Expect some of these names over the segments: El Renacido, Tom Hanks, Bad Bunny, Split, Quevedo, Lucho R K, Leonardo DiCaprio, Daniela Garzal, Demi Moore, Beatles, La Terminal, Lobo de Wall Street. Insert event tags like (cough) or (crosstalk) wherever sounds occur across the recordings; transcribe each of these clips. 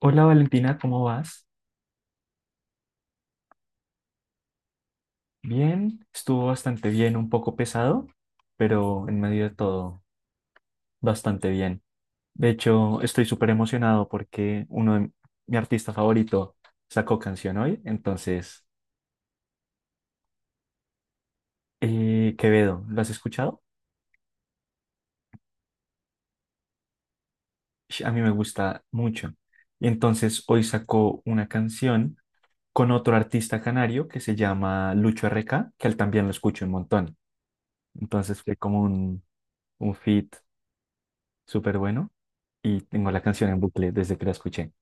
Hola Valentina, ¿cómo vas? Bien, estuvo bastante bien, un poco pesado, pero en medio de todo, bastante bien. De hecho, estoy súper emocionado porque uno de mi artista favorito sacó canción hoy, entonces, Quevedo, ¿lo has escuchado? A mí me gusta mucho. Y entonces hoy sacó una canción con otro artista canario que se llama Lucho RK, que él también lo escucho un montón. Entonces fue como un feat súper bueno. Y tengo la canción en bucle desde que la escuché.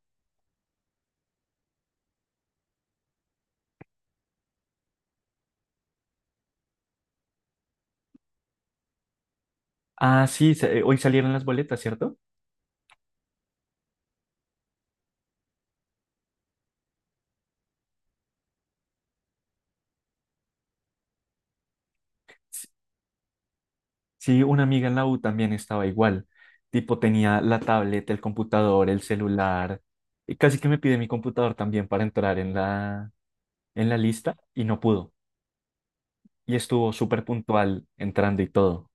Ah, sí, hoy salieron las boletas, ¿cierto? S- Sí, una amiga en la U también estaba igual. Tipo, tenía la tablet, el computador, el celular. Y casi que me pide mi computador también para entrar en la lista y no pudo. Y estuvo súper puntual entrando y todo.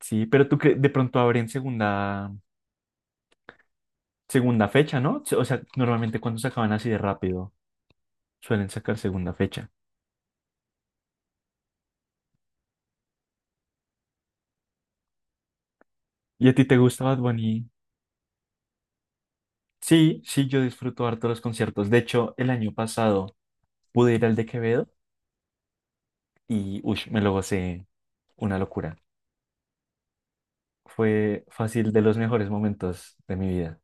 Sí, pero tú que de pronto abren segunda fecha, ¿no? O sea, normalmente cuando se acaban así de rápido, suelen sacar segunda fecha. ¿Y a ti te gusta Bad Bunny? Sí, sí, yo disfruto harto los conciertos. De hecho, el año pasado pude ir al de Quevedo y uy, me lo gocé una locura. Fue fácil de los mejores momentos de mi vida.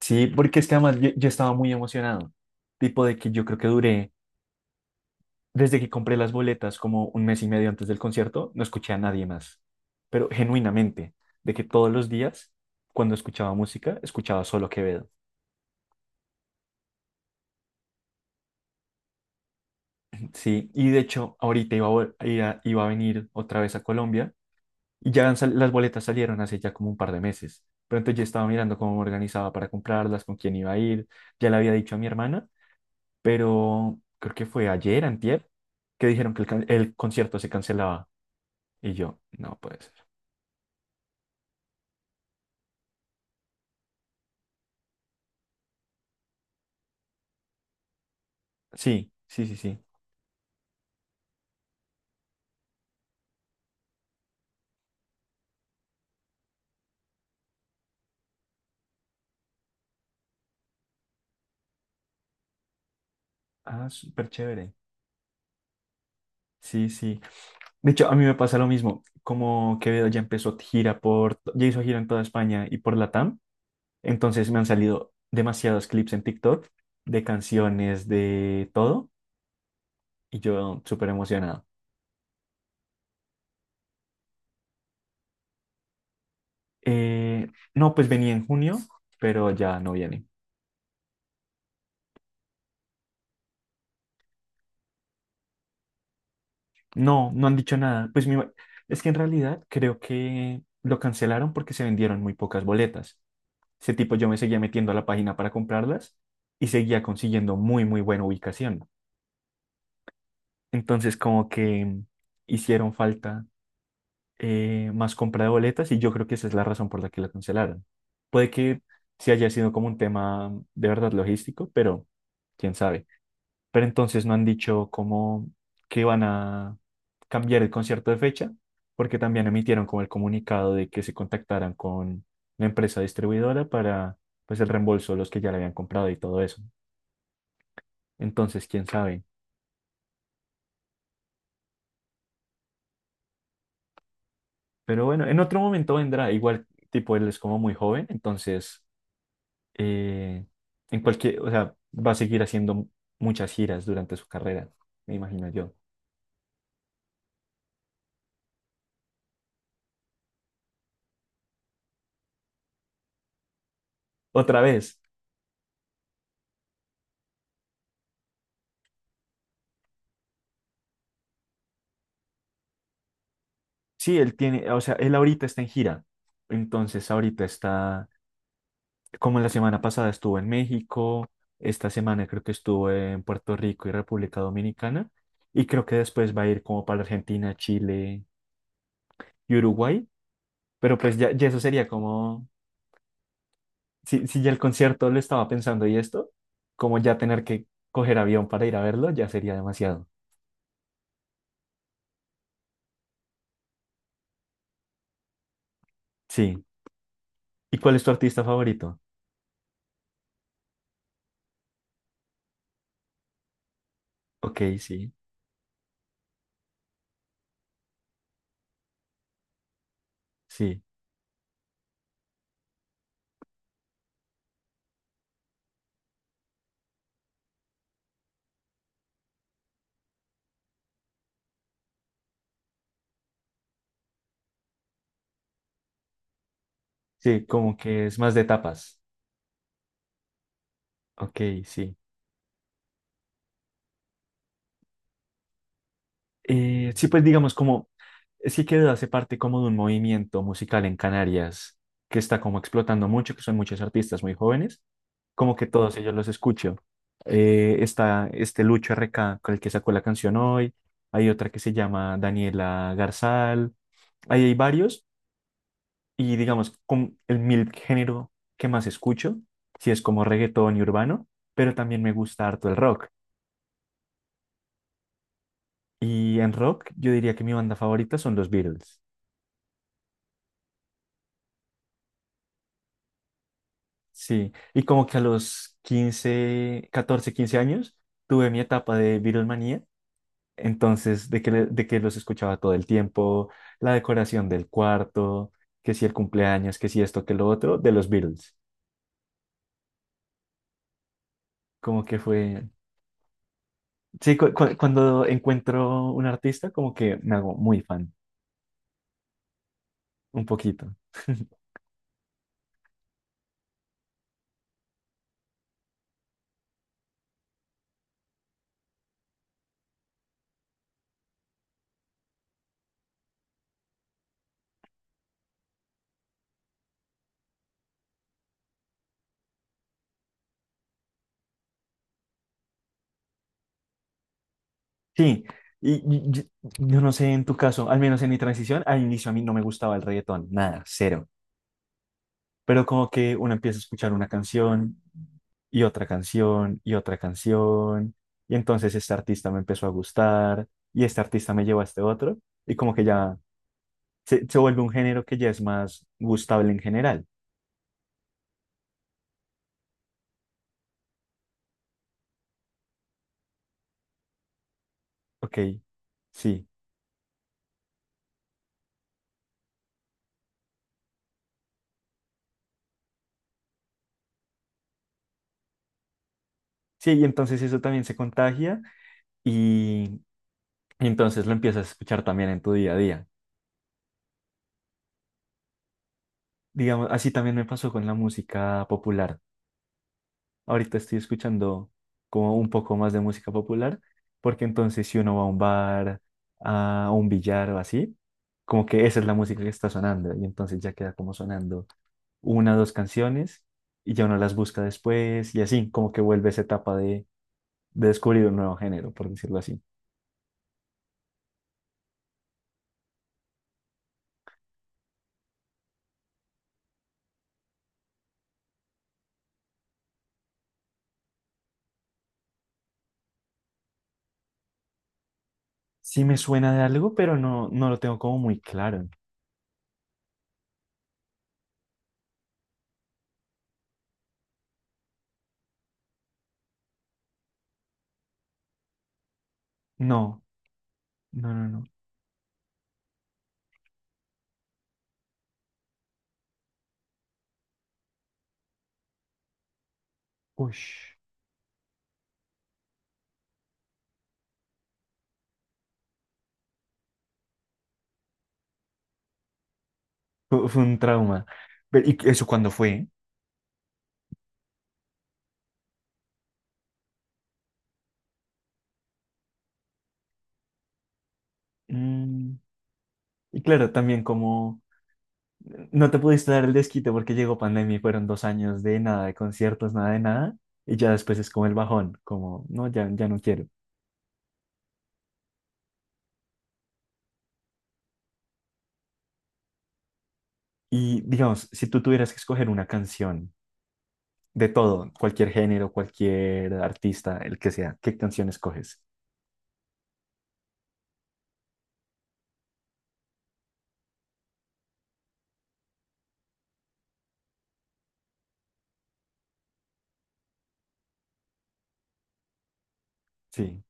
Sí, porque es que además yo estaba muy emocionado. Tipo de que yo creo que duré, desde que compré las boletas, como un mes y medio antes del concierto, no escuché a nadie más. Pero genuinamente, de que todos los días, cuando escuchaba música, escuchaba solo Quevedo. Sí, y de hecho, ahorita iba a venir otra vez a Colombia. Y las boletas salieron hace ya como un par de meses. Pero entonces yo estaba mirando cómo me organizaba para comprarlas, con quién iba a ir. Ya le había dicho a mi hermana, pero creo que fue ayer, antier, que dijeron que el concierto se cancelaba. Y yo, no puede ser. Sí, sí, sí, sí. Ah, súper chévere. Sí, sí. De hecho, a mí me pasa lo mismo. Como Quevedo ya empezó gira por, ya hizo gira en toda España y por Latam. Entonces me han salido demasiados clips en TikTok de canciones, de todo. Y yo súper emocionado. Eh, no, pues venía en junio, pero ya no viene. No, no han dicho nada. Es que en realidad creo que lo cancelaron porque se vendieron muy pocas boletas. Ese tipo yo me seguía metiendo a la página para comprarlas y seguía consiguiendo muy, muy buena ubicación. Entonces como que hicieron falta más compra de boletas y yo creo que esa es la razón por la que la cancelaron. Puede que sí haya sido como un tema de verdad logístico, pero quién sabe. Pero entonces no han dicho cómo que van a cambiar el concierto de fecha, porque también emitieron como el comunicado de que se contactaran con la empresa distribuidora para pues el reembolso de los que ya le habían comprado y todo eso. Entonces, quién sabe. Pero bueno, en otro momento vendrá. Igual, tipo, él es como muy joven, entonces, eh, en cualquier, o sea, va a seguir haciendo muchas giras durante su carrera, me imagino yo. Otra vez. Sí, él tiene, o sea, él ahorita está en gira. Entonces, ahorita está, como la semana pasada estuvo en México, esta semana creo que estuvo en Puerto Rico y República Dominicana, y creo que después va a ir como para Argentina, Chile y Uruguay. Pero pues ya, ya eso sería como, si ya el concierto lo estaba pensando y esto, como ya tener que coger avión para ir a verlo, ya sería demasiado. Sí. ¿Y cuál es tu artista favorito? Ok, sí, sí, sí, como que es más de tapas. Ok, sí. Sí, pues digamos como, es que Quevedo hace parte como de un movimiento musical en Canarias que está como explotando mucho, que son muchos artistas muy jóvenes, como que todos ellos los escucho. Está este Lucho RK con el que sacó la canción hoy, hay otra que se llama Daniela Garzal, ahí hay varios y digamos con el mil género que más escucho, si es como reggaetón y urbano, pero también me gusta harto el rock. Y en rock yo diría que mi banda favorita son los Beatles. Sí, y como que a los 15, 14, 15 años tuve mi etapa de Beatlemanía, entonces de que, de que los escuchaba todo el tiempo, la decoración del cuarto, que si el cumpleaños, que si esto, que lo otro, de los Beatles. Como que fue, sí, cuando encuentro un artista, como que me hago muy fan, un poquito. (laughs) Sí, y, y- y- yo no sé en tu caso, al menos en mi transición, al inicio a mí no me gustaba el reggaetón, nada. Pero como que uno empieza a escuchar una canción y otra canción y otra canción. Y entonces este artista me empezó a gustar y este artista me llevó a este otro. Y como que ya se vuelve un género que ya es más gustable en general. Ok, sí. Sí, y entonces eso también se contagia y entonces lo empiezas a escuchar también en tu día a día. Digamos, así también me pasó con la música popular. Ahorita estoy escuchando como un poco más de música popular, porque entonces si uno va a un bar, a un billar o así, como que esa es la música que está sonando y entonces ya queda como sonando una dos canciones y ya uno las busca después y así, como que vuelve esa etapa de descubrir un nuevo género, por decirlo así. Sí me suena de algo, pero no, no lo tengo como muy claro. No, no, no, no. Ush. Fue un trauma. Pero, ¿y eso cuándo fue? Mm, y claro, también como no te pudiste dar el desquite porque llegó pandemia y fueron 2 años de nada, de conciertos, nada de nada. Y ya después es como el bajón, como, no, ya, ya no quiero. Y digamos, si tú tuvieras que escoger una canción de todo, cualquier género, cualquier artista, el que sea, ¿qué canción escoges? Sí.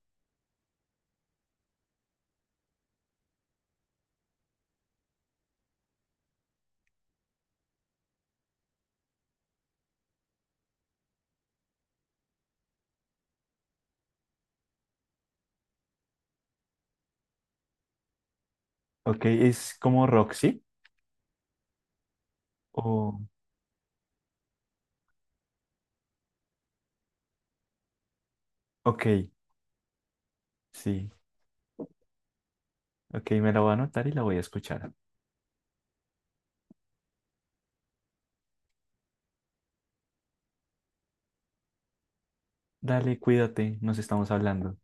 Ok, es como Roxy. O, ok, sí. Ok, me la voy a anotar y la voy a escuchar. Dale, cuídate, nos estamos hablando.